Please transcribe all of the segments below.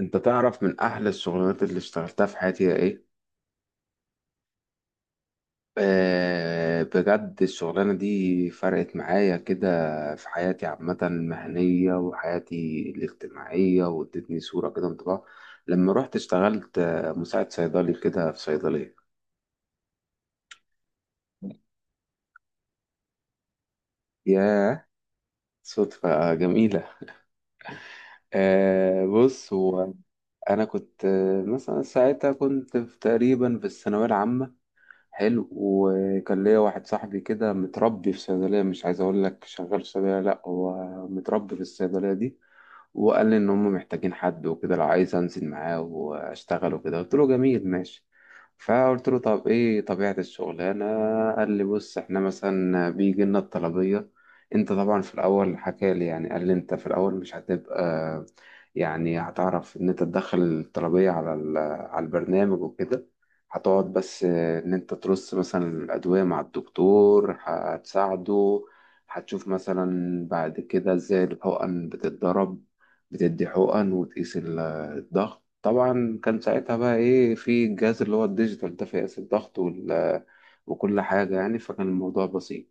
انت تعرف من احلى الشغلانات اللي اشتغلتها في حياتي هي ايه؟ آه، بجد الشغلانه دي فرقت معايا كده في حياتي عامه المهنيه وحياتي الاجتماعيه. وادتني صوره كده انطباع لما رحت اشتغلت مساعد صيدلي كده في صيدليه. ياه، صدفه جميله. آه، بص هو انا كنت مثلا ساعتها كنت في تقريبا في الثانويه العامه. حلو، وكان ليا واحد صاحبي كده متربي في صيدلية، مش عايز أقول لك شغال في صيدلية، لأ هو متربي في الصيدلية دي. وقال لي ان هم محتاجين حد وكده، لو عايز انزل معاه واشتغل وكده. قلت له جميل ماشي. فقلت له طب ايه طبيعة الشغلانة؟ قال لي بص احنا مثلا بيجي لنا الطلبية. انت طبعا في الاول حكى لي، يعني قال لي انت في الاول مش هتبقى، يعني هتعرف ان انت تدخل الطلبية على على البرنامج وكده. هتقعد بس ان انت ترص مثلا الادوية مع الدكتور، هتساعده. هتشوف مثلا بعد كده ازاي الحقن بتتضرب، بتدي حقن وتقيس الضغط. طبعا كان ساعتها بقى ايه، في الجهاز اللي هو الديجيتال ده، فيقيس الضغط وال- وكل حاجة يعني. فكان الموضوع بسيط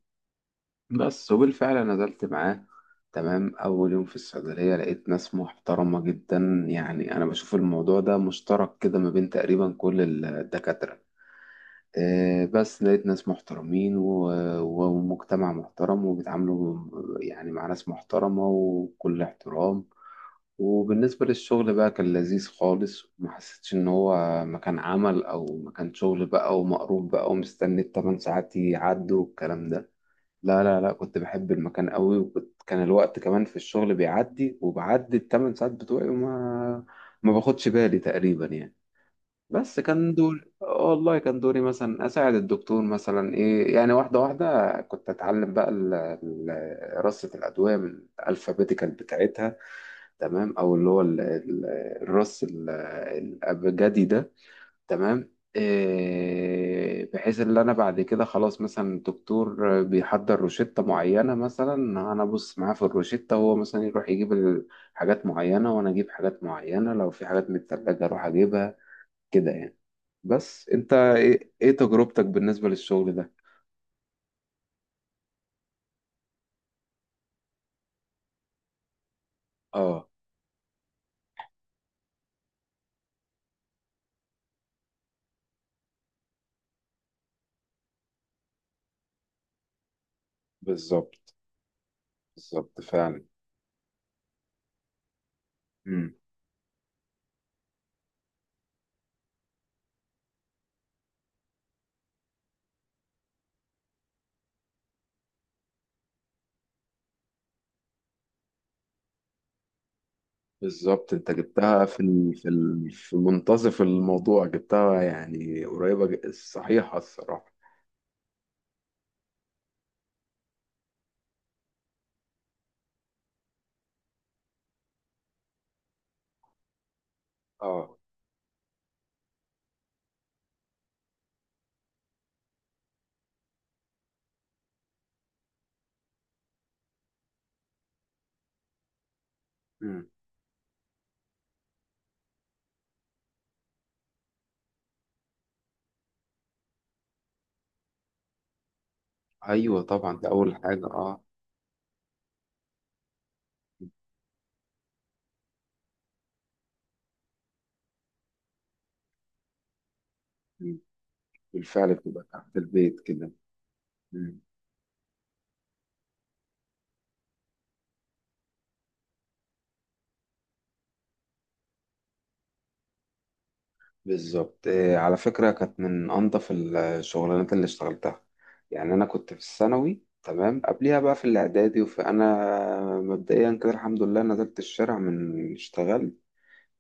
بس، وبالفعل نزلت معاه. تمام، أول يوم في الصيدلية لقيت ناس محترمة جدا. يعني أنا بشوف الموضوع ده مشترك كده ما بين تقريبا كل الدكاترة. بس لقيت ناس محترمين ومجتمع محترم وبيتعاملوا يعني مع ناس محترمة وكل احترام. وبالنسبة للشغل بقى، كان لذيذ خالص، وما حسيتش إن هو مكان عمل أو مكان شغل بقى، ومقروب بقى ومستني التمن ساعات يعدوا والكلام ده. لا لا لا، كنت بحب المكان قوي، وكنت كان الوقت كمان في الشغل بيعدي، وبعدي التمن ساعات بتوعي وما ما باخدش بالي تقريبا يعني. بس كان دور، والله كان دوري مثلا أساعد الدكتور مثلا إيه يعني. واحدة واحدة كنت أتعلم بقى رصة الأدوية من الألفابيتيكال بتاعتها. تمام، او اللي هو الراس الابجدي ده. تمام إيه، بحيث ان انا بعد كده خلاص مثلا الدكتور بيحضر روشتة معينة، مثلا انا ابص معاه في الروشتة، هو مثلا يروح يجيب حاجات معينة وانا اجيب حاجات معينة، لو في حاجات متثلجة اروح اجيبها كده يعني. بس انت ايه، إيه تجربتك بالنسبة للشغل ده؟ اه. بالظبط. بالظبط فعلا. إمم. بالظبط، انت جبتها في ال... في ال... في منتصف الموضوع جبتها، يعني قريبة، صحيحة الصراحة. اه. مم. ايوه طبعا، ده اول حاجة، اه. مم. بالفعل، بتبقى تحت البيت كده. مم. بالظبط. آه، على فكرة كانت من انظف الشغلانات اللي اشتغلتها. يعني انا كنت في الثانوي تمام، قبليها بقى في الاعدادي، وفي- انا مبدئيا كده الحمد لله نزلت الشارع، من اشتغلت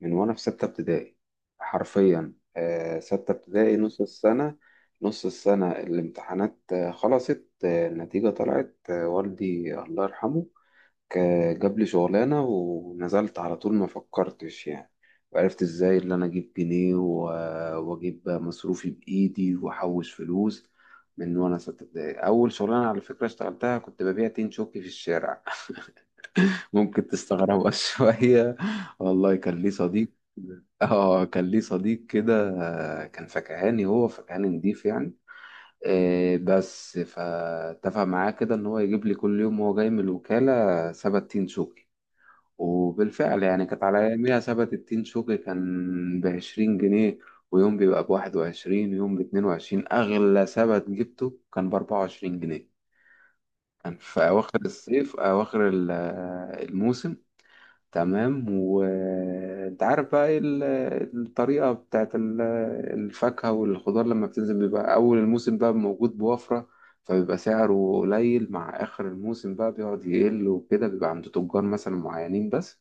من وانا في ستة ابتدائي. حرفيا ستة ابتدائي نص السنة. نص السنة الامتحانات خلصت، النتيجة طلعت، والدي الله يرحمه جاب لي شغلانة ونزلت على طول، ما فكرتش يعني. وعرفت ازاي اللي انا اجيب جنيه و- واجيب مصروفي بايدي واحوش فلوس من وانا ستة ابتدائي. اول شغلانة على فكرة اشتغلتها كنت ببيع تين شوكي في الشارع، ممكن تستغربها شوية. والله كان ليه صديق. اه كان ليه صديق كده، كان فكهاني، هو فكهاني نضيف يعني. بس فاتفق معاه كده ان هو يجيب لي كل يوم وهو جاي من الوكالة سبت تين شوكي. وبالفعل يعني، كانت على اياميها سبت التين شوكي كان ب20 جنيه. ويوم بيبقى ب21، ويوم ب22، اغلى سبت جبته كان ب24 جنيه. كان في اواخر الصيف، اواخر الموسم. تمام، وانت عارف بقى ايه الطريقة بتاعت الفاكهة والخضار، لما بتنزل بيبقى أول الموسم بقى موجود بوفرة، فبيبقى سعره قليل. مع آخر الموسم بقى بيقعد يقل وكده، بيبقى عند تجار مثلا معينين بس،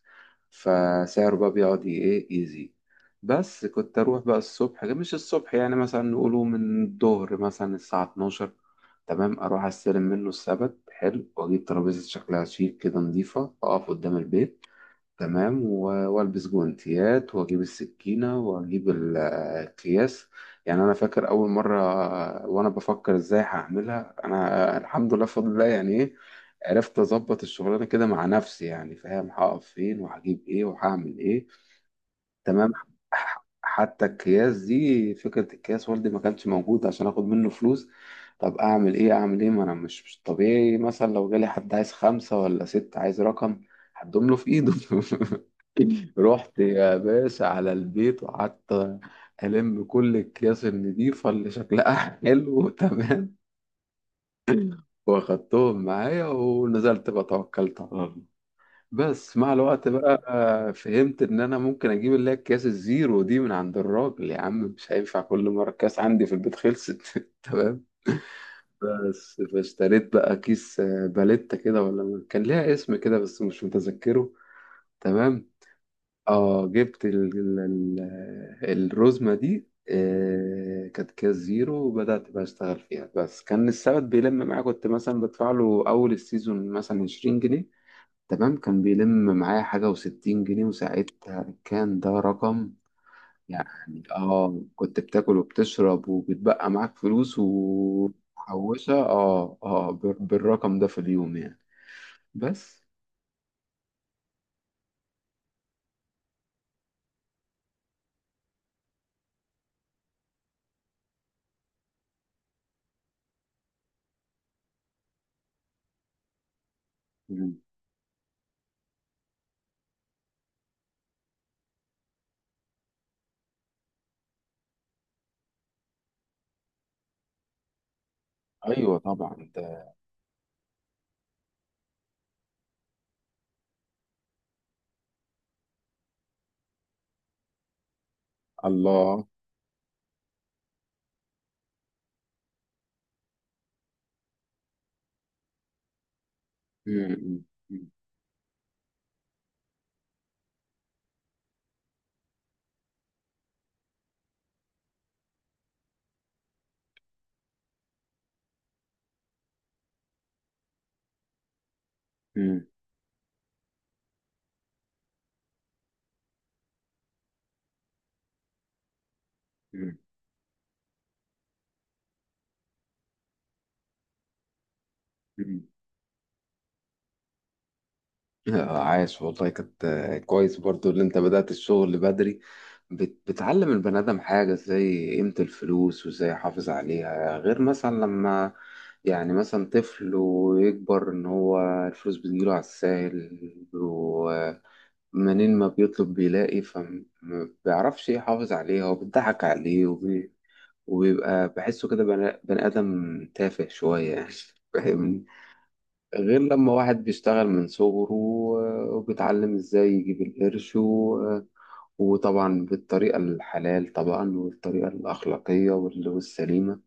فسعره بقى بيقعد ايه يزيد. بس كنت أروح بقى الصبح، مش الصبح يعني، مثلا نقوله من الظهر مثلا الساعة 12. تمام، أروح أستلم منه السبت حلو، وأجيب ترابيزة شكلها شيك كده نظيفة، أقف قدام البيت. تمام، و- والبس جوانتيات، واجيب السكينه، واجيب الاكياس. يعني انا فاكر اول مره وانا بفكر ازاي هعملها، انا الحمد لله بفضل الله يعني ايه عرفت اظبط الشغلانه كده مع نفسي، يعني فاهم، هقف فين وهجيب ايه وهعمل ايه. تمام، حتى الكياس دي فكره، الكياس والدي ما كانش موجود عشان اخد منه فلوس. طب اعمل ايه، اعمل ايه، ما انا مش طبيعي مثلا لو جالي حد عايز خمسه ولا ست، عايز رقم هدوم له في ايده رحت يا باشا على البيت وقعدت ألم كل الأكياس النضيفة اللي شكلها حلو. تمام، واخدتهم معايا ونزلت بقى، توكلت على الله. بس مع الوقت بقى فهمت إن أنا ممكن أجيب اللي هي الأكياس الزيرو دي من عند الراجل يا عم، مش هينفع كل مرة الكاس عندي في البيت خلصت تمام، بس فاشتريت بقى كيس باليتا كده، ولا كان ليها اسم كده بس مش متذكره. تمام، اه جبت الرزمة دي. كانت كاس زيرو، وبدأت بقى أشتغل فيها. بس كان السبت بيلم معايا، كنت مثلا بدفع له أول السيزون مثلا 20 جنيه، تمام، كان بيلم معايا حاجة وستين جنيه، وساعتها كان ده رقم يعني. اه كنت بتاكل وبتشرب وبتبقى معاك فلوس ومحوشة، اه اه بالرقم ده في اليوم يعني بس. مم. ايوه طبعا ده. الله. مم. مم. مم. مم. مم. آه، عاش والله، كانت كويس برضو اللي انت بدأت الشغل بدري. بتعلم البني آدم حاجة زي قيمة الفلوس وازاي يحافظ عليها، غير مثلا لما يعني مثلا طفل ويكبر ان هو الفلوس بتجيله على الساهل، ومنين ما بيطلب بيلاقي، فما بيعرفش يحافظ عليها وبتضحك عليه وبيبقى بحسه كده بني آدم تافه شوية يعني فاهم. غير لما واحد بيشتغل من صغره، وبيتعلم ازاي يجيب القرش و- وطبعا بالطريقة الحلال طبعا، والطريقة الأخلاقية والسليمة.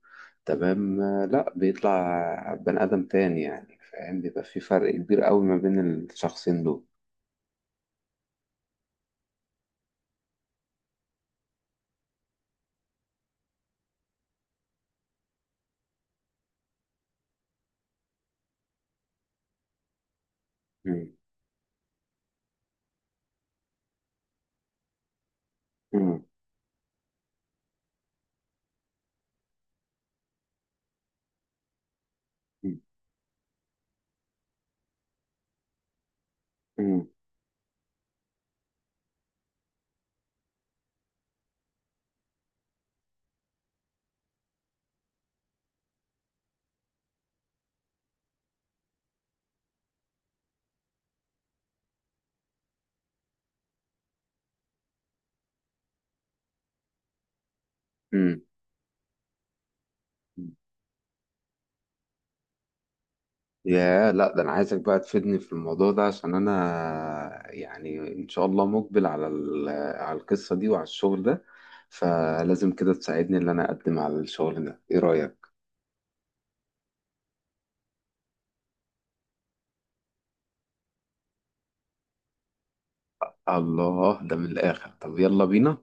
تمام، لا بيطلع بني آدم تاني يعني فاهم، بيبقى في فرق كبير قوي ما بين الشخصين دول. مم. مم. مم. مم. مم. يا لا، ده انا عايزك بقى تفيدني في الموضوع ده، عشان انا يعني ان شاء الله مقبل على على القصة دي وعلى الشغل ده. فلازم كده تساعدني ان انا اقدم على الشغل ده، ايه رأيك؟ الله، ده من الاخر. طب يلا بينا.